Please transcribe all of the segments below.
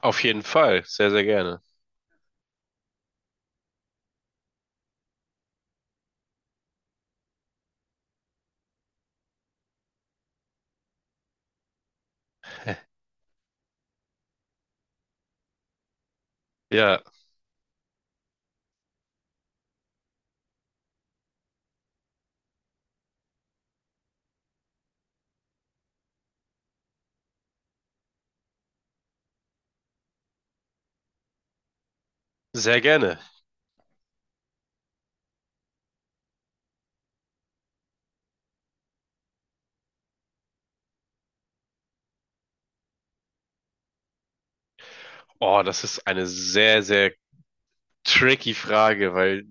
Auf jeden Fall, sehr, sehr gerne. Ja, sehr gerne. Oh, das ist eine sehr, sehr tricky Frage, weil,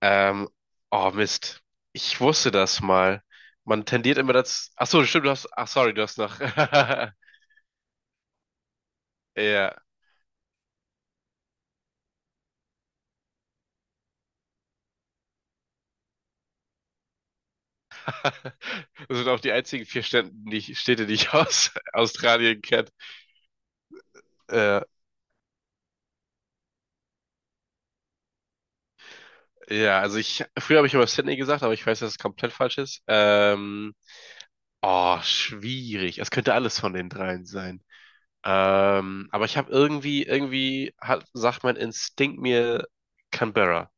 ähm, oh Mist, ich wusste das mal. Man tendiert immer dazu. Ach so, stimmt, du hast. Ach, sorry, du hast nach. Ja, das sind auch die einzigen vier Städte, Städte, die ich aus Australien kenne. Äh, ja, also früher habe ich immer Sydney gesagt, aber ich weiß, dass es komplett falsch ist. Oh, schwierig. Es könnte alles von den dreien sein. Aber ich habe sagt mein Instinkt mir Canberra.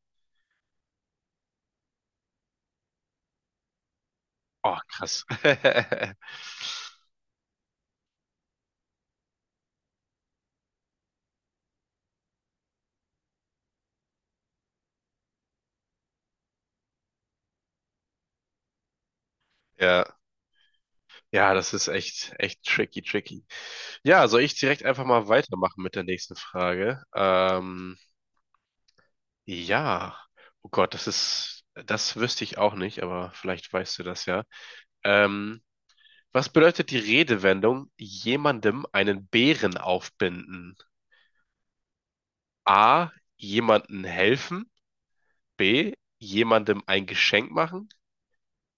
Oh, krass. Ja. Ja, das ist echt, echt tricky, tricky. Ja, soll ich direkt einfach mal weitermachen mit der nächsten Frage? Ja. Oh Gott, das ist, das wüsste ich auch nicht, aber vielleicht weißt du das ja. Ähm, was bedeutet die Redewendung, jemandem einen Bären aufbinden? A, jemanden helfen. B. Jemandem ein Geschenk machen.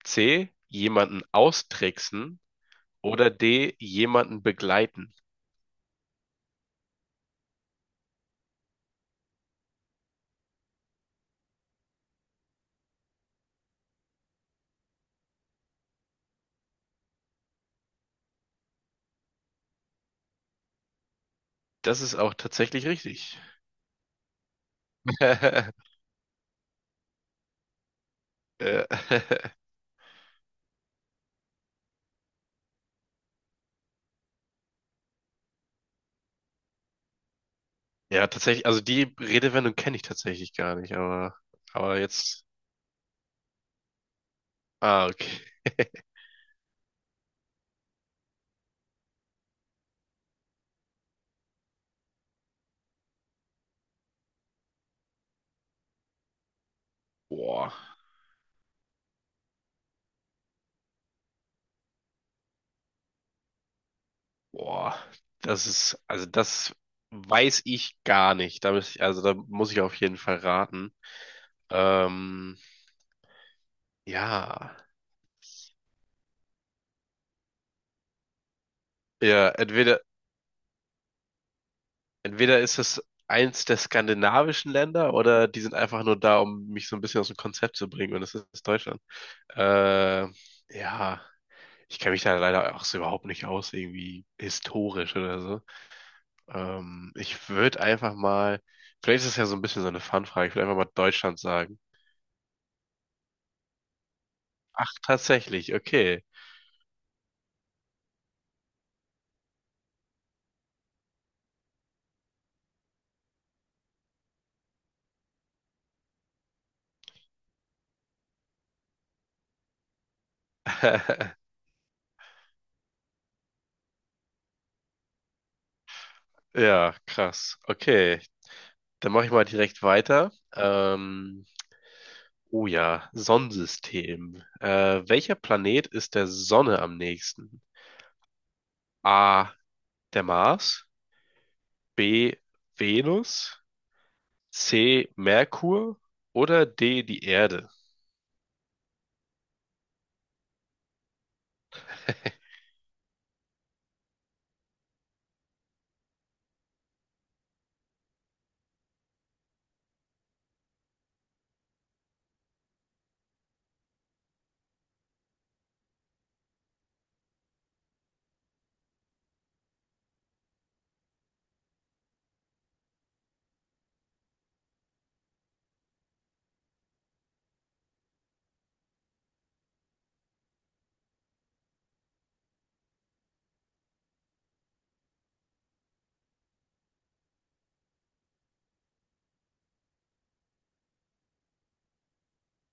C. Jemanden austricksen. Oder D. Jemanden begleiten. Das ist auch tatsächlich richtig. Äh, Ja, tatsächlich. Also die Redewendung kenne ich tatsächlich gar nicht, aber jetzt. Ah, okay. Boah, boah. Das ist, also das weiß ich gar nicht. Da muss ich, also da muss ich auf jeden Fall raten. Ähm, ja. Ja, entweder. Entweder ist es eins der skandinavischen Länder oder die sind einfach nur da, um mich so ein bisschen aus dem Konzept zu bringen und es ist Deutschland. Äh, ja, ich kenne mich da leider auch so überhaupt nicht aus, irgendwie historisch oder so. Ich würde einfach mal, vielleicht ist es ja so ein bisschen so eine Fun-Frage, ich würde einfach mal Deutschland sagen. Ach, tatsächlich, okay. Ja, krass. Okay, dann mache ich mal direkt weiter. Oh ja, Sonnensystem. Welcher Planet ist der Sonne am nächsten? A. Der Mars, B. Venus, C. Merkur oder D. Die Erde.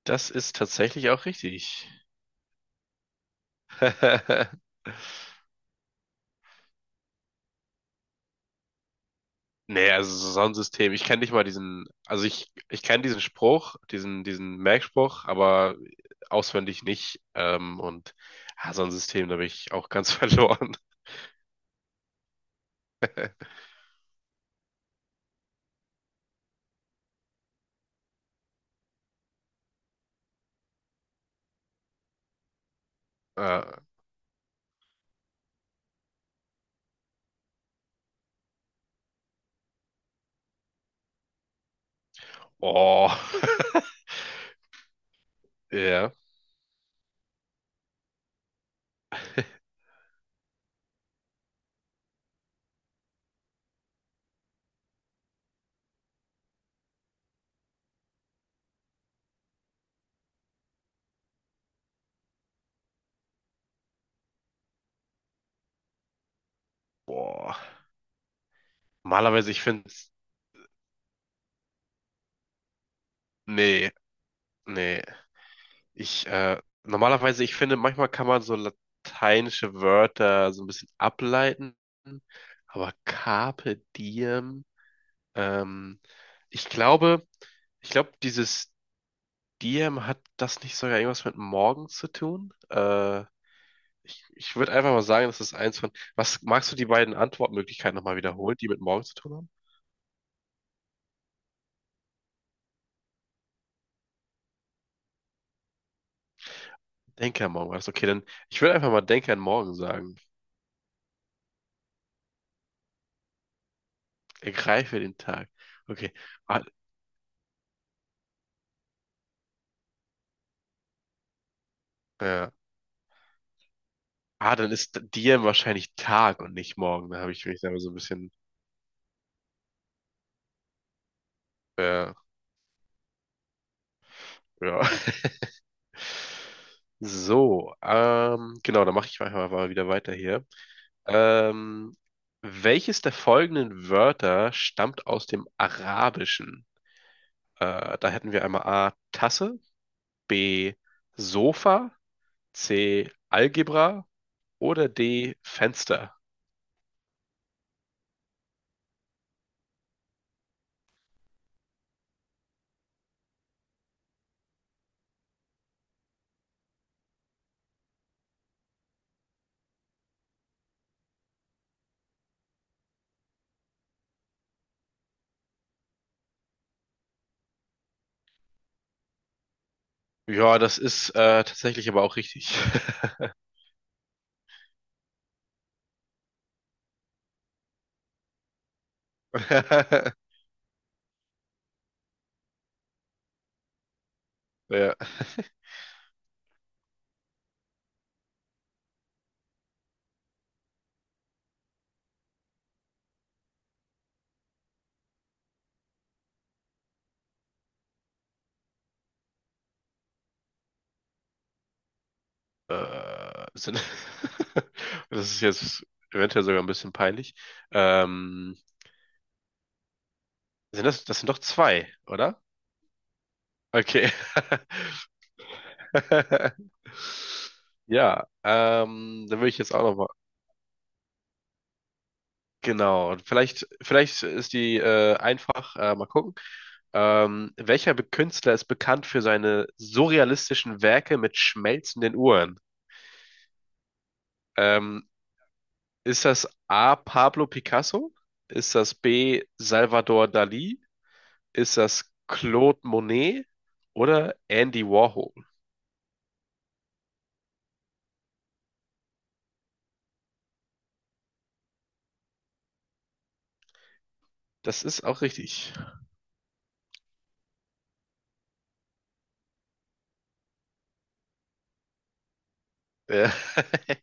Das ist tatsächlich auch richtig. Nee, also so Sonnensystem. Ich kenne nicht mal diesen, also ich kenne diesen Spruch, diesen Merkspruch, aber auswendig nicht. Und ja, Sonnensystem, da bin ich auch ganz verloren. Äh, oh. Ja. Boah. Normalerweise, ich finde es. Nee, nee. Normalerweise, ich finde, manchmal kann man so lateinische Wörter so ein bisschen ableiten. Aber Carpe Diem, ähm, ich glaube, ich glaube, dieses Diem hat das nicht sogar irgendwas mit morgen zu tun? Ich würde einfach mal sagen, das ist eins von. Was magst du die beiden Antwortmöglichkeiten nochmal wiederholen, die mit morgen zu tun haben? Denke an morgen war das. Okay, dann ich würde einfach mal Denke an morgen sagen. Ergreife den Tag. Okay. Ah, äh, dann ist dir wahrscheinlich Tag und nicht morgen. Da habe ich mich da so ein bisschen. Äh, ja. So, genau, dann mache ich einfach mal wieder weiter hier. Ähm, welches der folgenden Wörter stammt aus dem Arabischen? Da hätten wir einmal A, Tasse, B, Sofa, C, Algebra oder D, Fenster. Ja, das ist tatsächlich aber auch richtig. Ja. Äh, sind, das ist jetzt eventuell sogar ein bisschen peinlich. Ähm, das sind doch zwei, oder? Okay. Ja, dann würde ich jetzt auch noch mal. Genau. Vielleicht, vielleicht ist die einfach. Mal gucken. Welcher Künstler ist bekannt für seine surrealistischen Werke mit schmelzenden Uhren? Ähm, Ist das A. Pablo Picasso? Ist das B. Salvador Dali? Ist das Claude Monet oder Andy Warhol? Das ist auch richtig. Ja.